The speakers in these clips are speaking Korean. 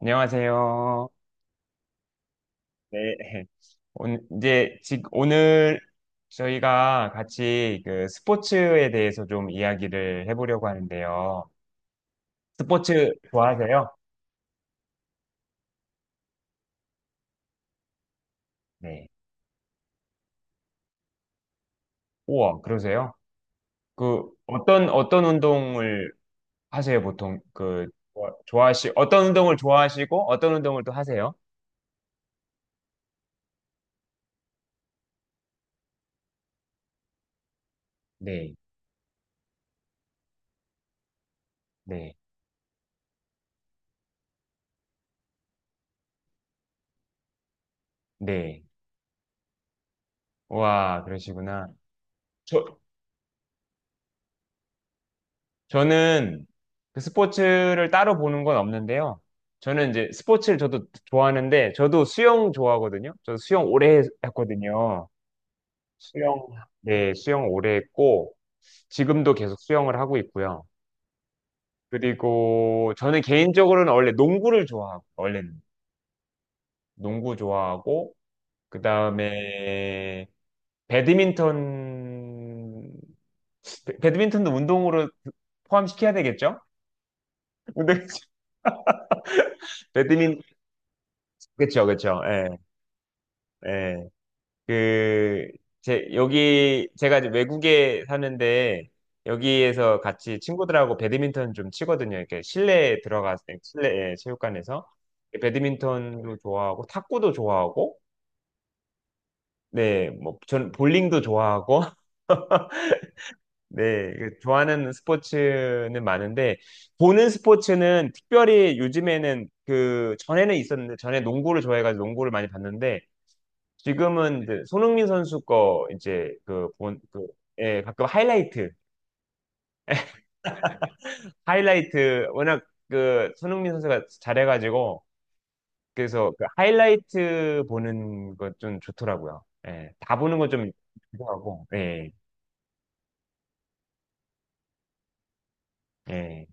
안녕하세요. 네. 오늘, 이제, 오늘 저희가 같이 그 스포츠에 대해서 좀 이야기를 해보려고 하는데요. 스포츠 좋아하세요? 네. 우와, 그러세요? 그, 어떤 운동을 하세요, 보통? 그, 어떤 운동을 좋아하시고, 어떤 운동을 또 하세요? 네. 네, 네. 우와, 그러시구나. 저, 저는 그 스포츠를 따로 보는 건 없는데요. 저는 이제 스포츠를 저도 좋아하는데, 저도 수영 좋아하거든요. 저도 수영 오래 했거든요. 수영, 네, 수영 오래 했고, 지금도 계속 수영을 하고 있고요. 그리고 저는 개인적으로는 원래 농구를 좋아하고, 원래는 농구 좋아하고, 그 다음에 배드민턴, 배드민턴도 운동으로 포함시켜야 되겠죠? 운동, 배드민, 그쵸, 그쵸. 예. 예, 그, 제, 여기, 제가 이제 외국에 사는데, 여기에서 같이 친구들하고 배드민턴 좀 치거든요. 이렇게 실내에 들어가서, 실내 예, 체육관에서. 배드민턴도 좋아하고, 탁구도 좋아하고, 네, 뭐, 전 볼링도 좋아하고, 네, 그 좋아하는 스포츠는 많은데, 보는 스포츠는 특별히 요즘에는 그, 전에는 있었는데, 전에 농구를 좋아해가지고 농구를 많이 봤는데, 지금은 이제 손흥민 선수 거 이제 그 그, 예, 가끔 하이라이트, 워낙 그 손흥민 선수가 잘해가지고, 그래서 그 하이라이트 보는 거 좀 좋더라고요. 예, 다 보는 거 좀 좋아하고, 예, 예.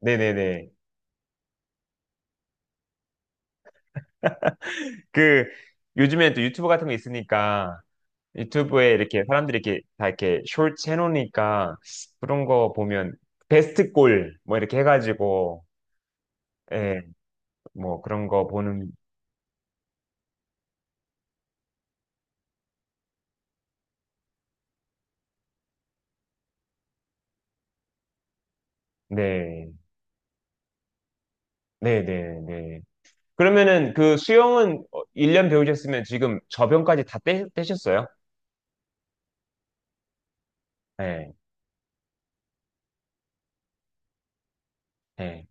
네네네. 그, 요즘엔 또 유튜브 같은 거 있으니까, 유튜브에 이렇게 사람들이 이렇게 다 이렇게 숄츠 해놓으니까, 그런 거 보면, 베스트 골, 뭐 이렇게 해가지고, 예, 뭐 그런 거 보는 네. 네네 네. 그러면은 그 수영은 1년 배우셨으면 지금 저변까지 다 떼셨어요? 네. 네.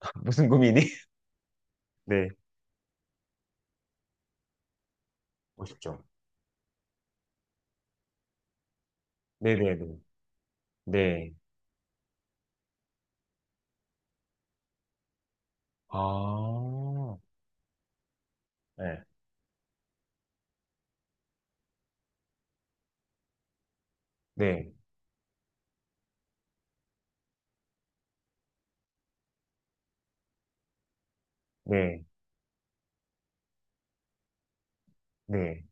무슨 고민이? 네. 멋있죠. 네네네. 네. 아. 네. 네. 네. 네.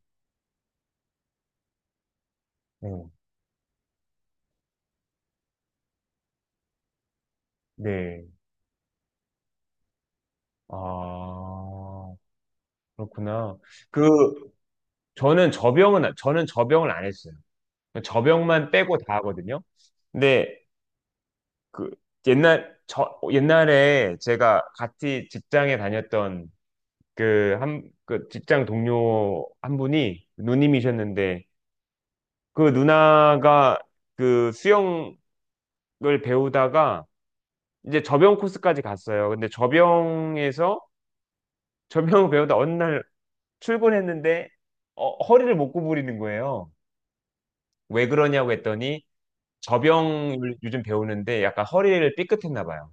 네. 네. 아. 그렇구나. 그 저는 저병을 안 했어요. 저병만 빼고 다 하거든요. 근데 그 옛날 저 옛날에 제가 같이 직장에 다녔던 그 한 그 직장 동료 한 분이 누님이셨는데 그 누나가 그 수영을 배우다가 이제 접영 코스까지 갔어요. 근데 접영에서 접영을 배우다 어느 날 출근했는데 어, 허리를 못 구부리는 거예요. 왜 그러냐고 했더니 접영을 요즘 배우는데 약간 허리를 삐끗했나 봐요.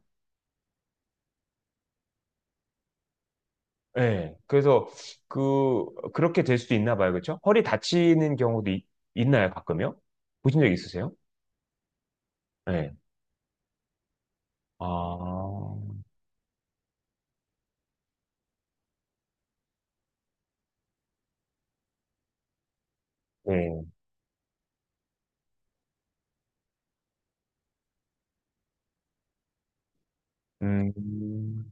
예. 그래서 그 그렇게 될 수도 있나 봐요. 그렇죠? 허리 다치는 경우도 나요 가끔요? 보신 적 있으세요? 예. 아. 네. 음.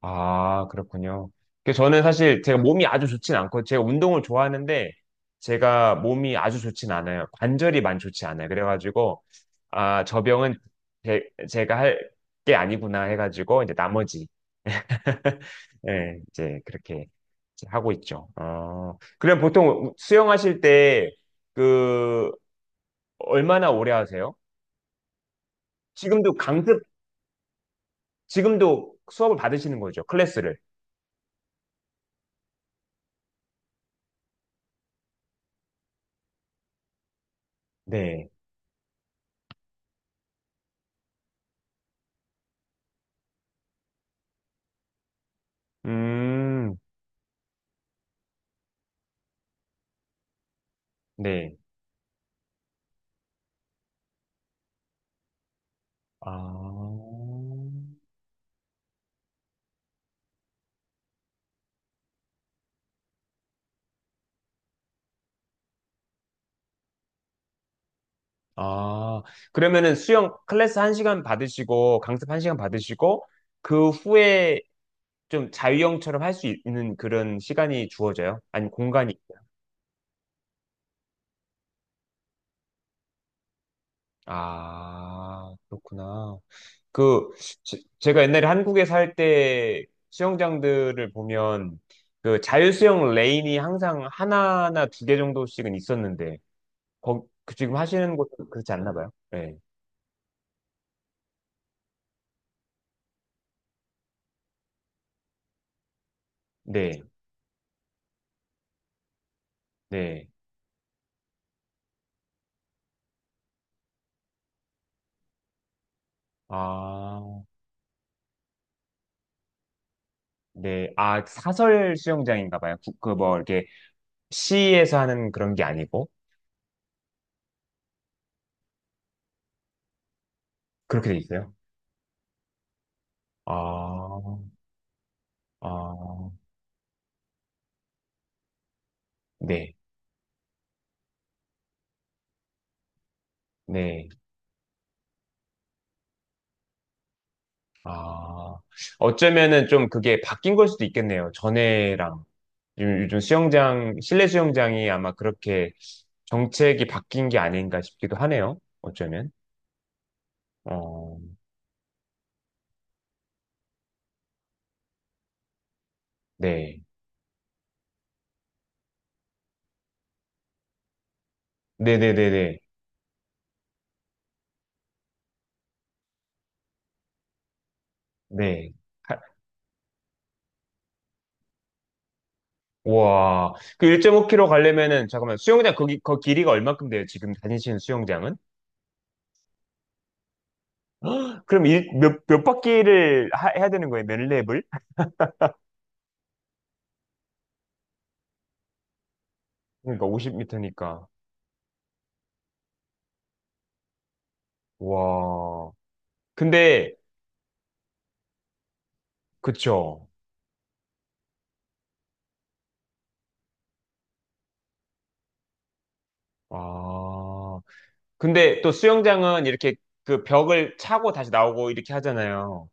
아, 그렇군요. 그 저는 사실 제가 몸이 아주 좋진 않고 제가 운동을 좋아하는데 제가 몸이 아주 좋진 않아요. 관절이 많이 좋지 않아요. 그래가지고 아, 저 병은 제, 제가 할 게 아니구나 해가지고 이제 나머지 예, 이제 그렇게 이제 하고 있죠. 어, 그럼 보통 수영하실 때 그 얼마나 오래 하세요? 지금도 강습, 지금도 수업을 받으시는 거죠, 클래스를. 네. 음, 네. 아, 아, 그러면은 수영 클래스 한시간 받으시고, 강습 한시간 받으시고, 그 후에 좀 자유형처럼 할 수 있는 그런 시간이 주어져요? 아니, 공간이. 아, 그렇구나. 그, 제가 옛날에 한국에 살 때 수영장들을 보면 그 자유수영 레인이 항상 하나나 두 개 정도씩은 있었는데, 거, 그 지금 하시는 곳은 그렇지 않나 봐요? 네. 네. 네. 아, 네. 아, 사설 수영장인가 봐요. 그, 그 뭐, 이렇게 시에서 하는 그런 게 아니고, 그렇게 돼 있어요? 아, 아, 네. 네. 아, 어쩌면은 좀 그게 바뀐 걸 수도 있겠네요. 전에랑. 요즘, 요즘 수영장, 실내 수영장이 아마 그렇게 정책이 바뀐 게 아닌가 싶기도 하네요. 어쩌면. 어, 네. 네네네네. 네. 와. 그 1.5km 가려면은, 잠깐만, 수영장, 거기, 거 길이가 얼만큼 돼요? 지금 다니시는 수영장은? 그럼 일, 몇, 몇 바퀴를 해야 되는 거예요? 몇 랩을? 그러니까 50m니까. 와. 근데, 그쵸. 아. 근데 또 수영장은 이렇게 그 벽을 차고 다시 나오고 이렇게 하잖아요.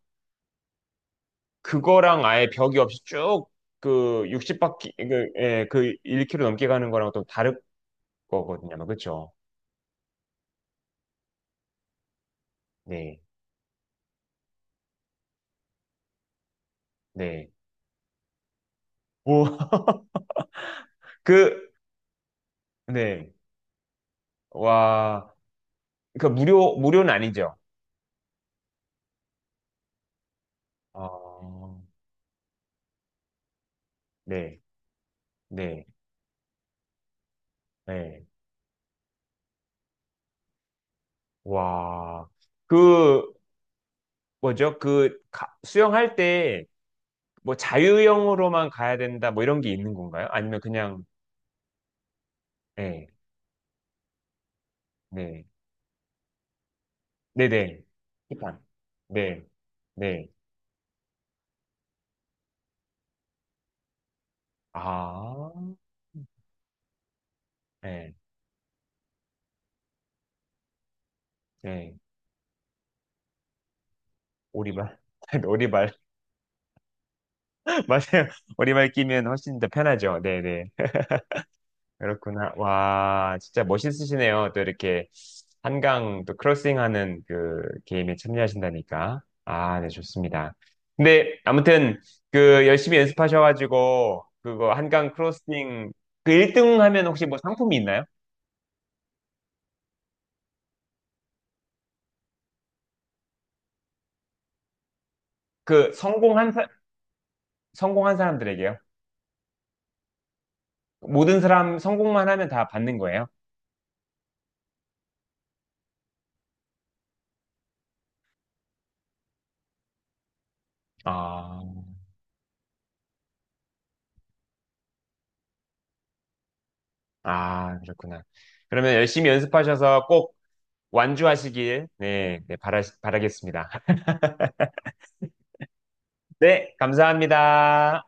그거랑 아예 벽이 없이 쭉 그 60바퀴, 그, 예, 그 1km 넘게 가는 거랑 또 다른 거거든요. 아마. 그쵸? 네, 네. 오, 그, 네. 와, 그 무료, 무료는 아니죠. 어, 네, 네, 네. 와, 그, 뭐죠? 그, 수영할 때 뭐 자유형으로만 가야 된다 뭐 이런 게 있는 건가요? 아니면 그냥, 예. 네. 네네. 시판. 네. 네. 아, 네. 네. 오리발. 오리발. 맞아요. 오리발 끼면 훨씬 더 편하죠. 네네. 그렇구나. 와, 진짜 멋있으시네요. 또 이렇게 한강 또 크로싱하는 그 게임에 참여하신다니까. 아, 네, 좋습니다. 근데 아무튼 그 열심히 연습하셔가지고 그거 한강 크로싱 그 1등 하면 혹시 뭐 상품이 있나요? 그 성공한 사, 성공한 사람들에게요. 모든 사람 성공만 하면 다 받는 거예요. 아, 아, 그렇구나. 그러면 열심히 연습하셔서 꼭 완주하시길, 네, 네, 바라겠습니다. 네, 감사합니다.